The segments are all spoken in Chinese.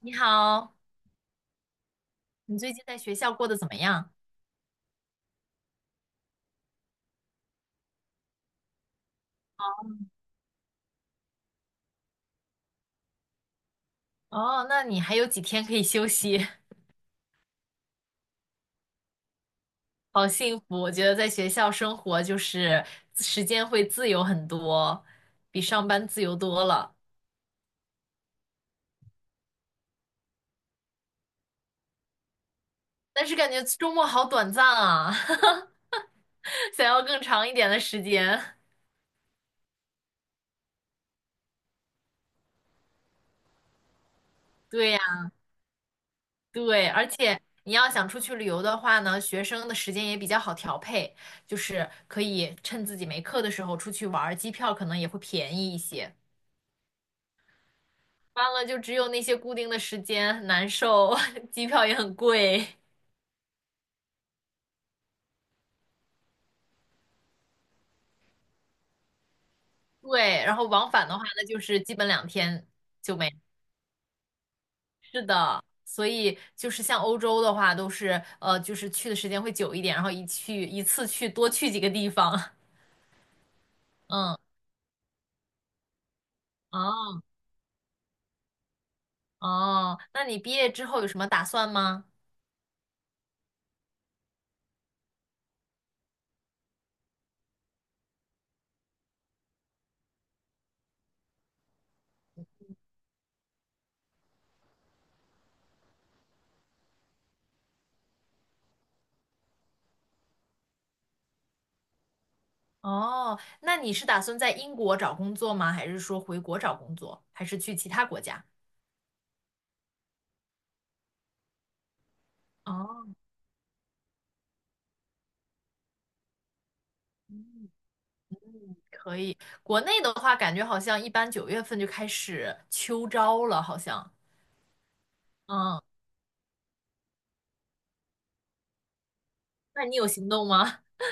你好，你最近在学校过得怎么样？哦，那你还有几天可以休息。好幸福！我觉得在学校生活就是时间会自由很多，比上班自由多了。但是感觉周末好短暂啊，想要更长一点的时间。对呀，对，而且你要想出去旅游的话呢，学生的时间也比较好调配，就是可以趁自己没课的时候出去玩儿，机票可能也会便宜一些。完了就只有那些固定的时间，很难受，机票也很贵。对，然后往返的话，那就是基本两天就没。是的，所以就是像欧洲的话，都是就是去的时间会久一点，然后一次去多去几个地方。嗯，哦哦，那你毕业之后有什么打算吗？哦，那你是打算在英国找工作吗？还是说回国找工作？还是去其他国家？哦。可以，国内的话，感觉好像一般九月份就开始秋招了，好像。嗯，那你有行动吗？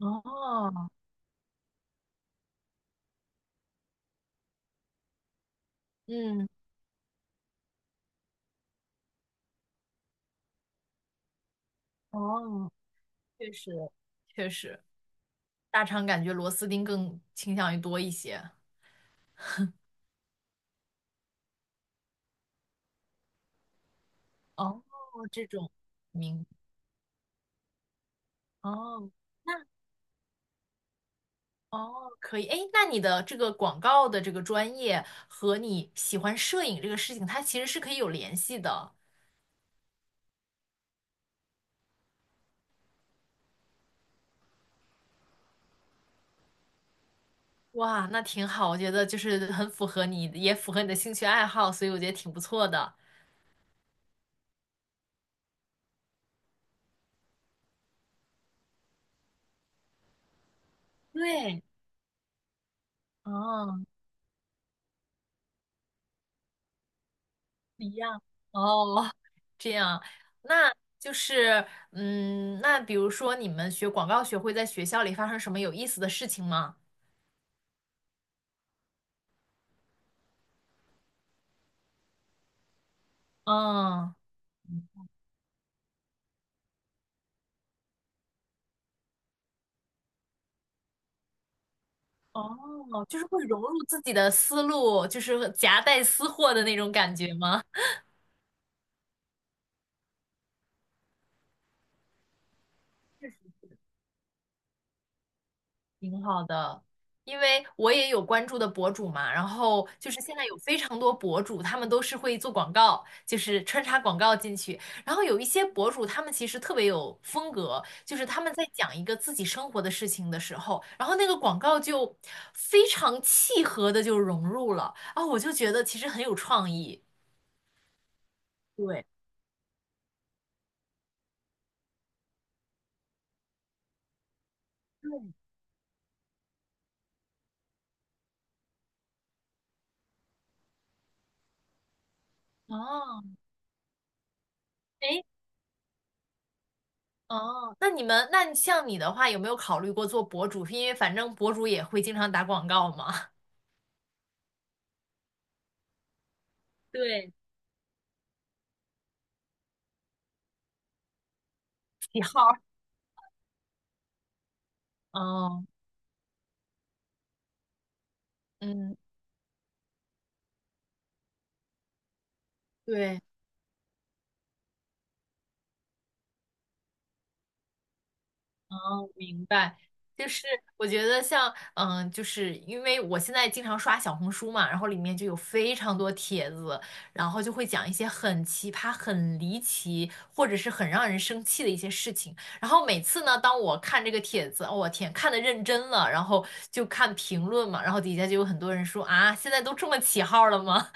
哦嗯，哦，确实，确实，大厂感觉螺丝钉更倾向于多一些。哦，这种，明，哦，那哦，可以。哎，那你的这个广告的这个专业和你喜欢摄影这个事情，它其实是可以有联系的。哇，那挺好，我觉得就是很符合你，也符合你的兴趣爱好，所以我觉得挺不错的。对，哦，一样，哦，这样，那就是，嗯，那比如说你们学广告学会在学校里发生什么有意思的事情吗？嗯，哦，就是会融入自己的思路，就是夹带私货的那种感觉吗？挺好的，因为我也有关注的博主嘛，然后就是现在有非常多博主，他们都是会做广告，就是穿插广告进去。然后有一些博主，他们其实特别有风格，就是他们在讲一个自己生活的事情的时候，然后那个广告就非常契合的就融入了啊，我就觉得其实很有创意。对，对，哦，哎。哦，那你们，那像你的话，有没有考虑过做博主？因为反正博主也会经常打广告嘛。对，喜号，嗯嗯。对，哦，明白，就是我觉得像，嗯，就是因为我现在经常刷小红书嘛，然后里面就有非常多帖子，然后就会讲一些很奇葩、很离奇，或者是很让人生气的一些事情。然后每次呢，当我看这个帖子，哦，我天，看的认真了，然后就看评论嘛，然后底下就有很多人说啊，现在都这么起号了吗？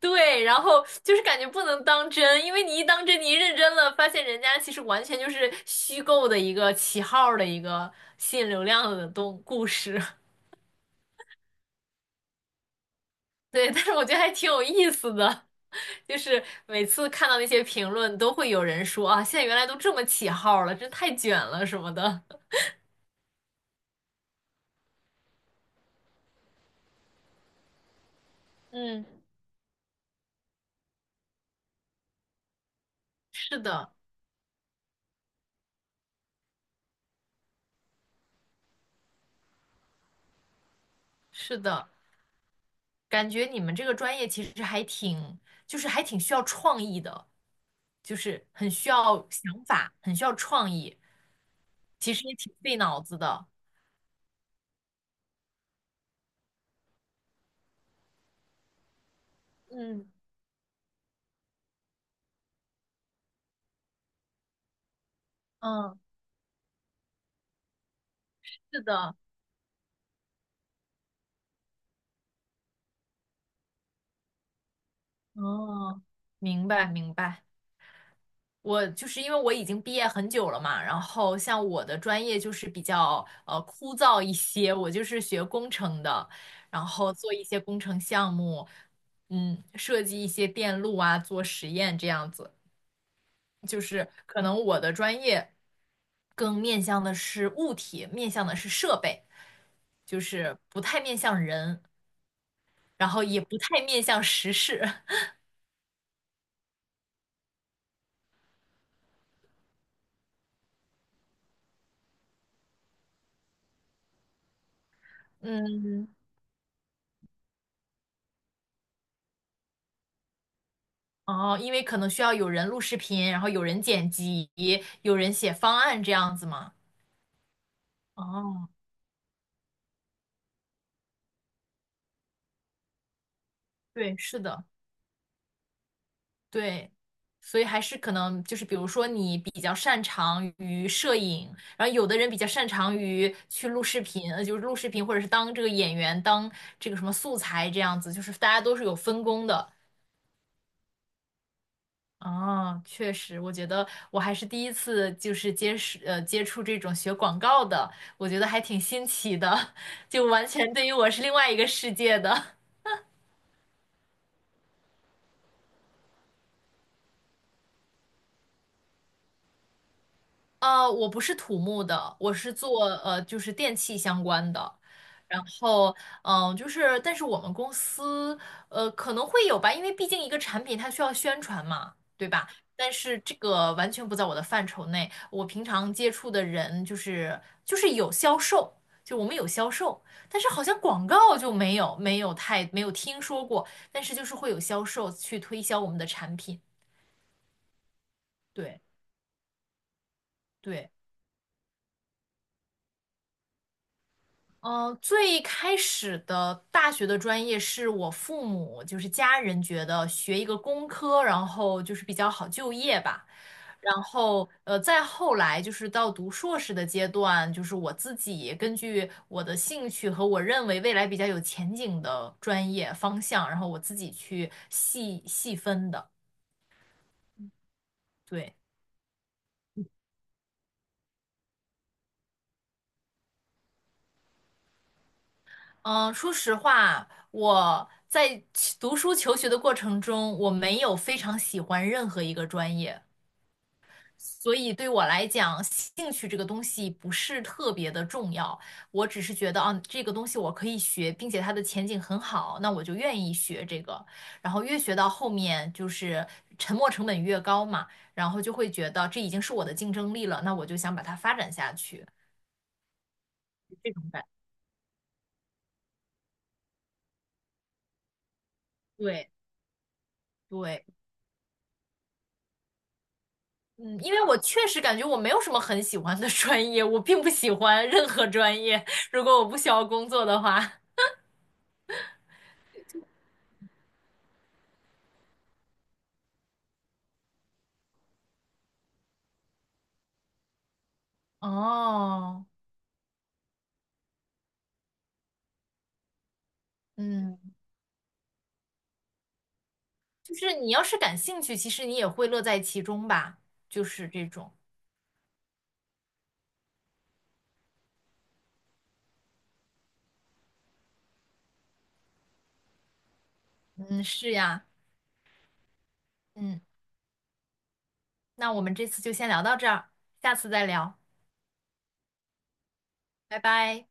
对，然后就是感觉不能当真，因为你一当真，你一认真了，发现人家其实完全就是虚构的一个起号儿的一个吸引流量的东故事。对，但是我觉得还挺有意思的，就是每次看到那些评论，都会有人说啊，现在原来都这么起号儿了，真太卷了什么的。嗯，是的，是的，感觉你们这个专业其实还挺，就是还挺需要创意的，就是很需要想法，很需要创意。其实也挺费脑子的。嗯，嗯，是的，哦，明白明白。我就是因为我已经毕业很久了嘛，然后像我的专业就是比较枯燥一些，我就是学工程的，然后做一些工程项目，嗯，设计一些电路啊，做实验这样子。就是可能我的专业更面向的是物体，面向的是设备，就是不太面向人。然后也不太面向时事。嗯，哦，因为可能需要有人录视频，然后有人剪辑，有人写方案这样子嘛。哦，对，是的，对，所以还是可能就是，比如说你比较擅长于摄影，然后有的人比较擅长于去录视频，就是录视频或者是当这个演员，当这个什么素材这样子，就是大家都是有分工的。哦，确实，我觉得我还是第一次就是接触这种学广告的，我觉得还挺新奇的，就完全对于我是另外一个世界的。我不是土木的，我是做就是电器相关的。然后，嗯、就是，但是我们公司，可能会有吧，因为毕竟一个产品它需要宣传嘛，对吧？但是这个完全不在我的范畴内。我平常接触的人就是有销售，就我们有销售，但是好像广告就没有听说过，但是就是会有销售去推销我们的产品，对对。嗯，最开始的大学的专业是我父母，就是家人觉得学一个工科，然后就是比较好就业吧。然后，再后来就是到读硕士的阶段，就是我自己根据我的兴趣和我认为未来比较有前景的专业方向，然后我自己去细细分的。对，嗯，说实话，我在其读书求学的过程中，我没有非常喜欢任何一个专业。所以对我来讲，兴趣这个东西不是特别的重要，我只是觉得啊，这个东西我可以学，并且它的前景很好，那我就愿意学这个。然后越学到后面，就是沉没成本越高嘛，然后就会觉得这已经是我的竞争力了，那我就想把它发展下去，这种感。对对，嗯，因为我确实感觉我没有什么很喜欢的专业，我并不喜欢任何专业，如果我不需要工作的话。哦，嗯。就是你要是感兴趣，其实你也会乐在其中吧，就是这种。嗯，是呀，嗯，那我们这次就先聊到这儿，下次再聊，拜拜。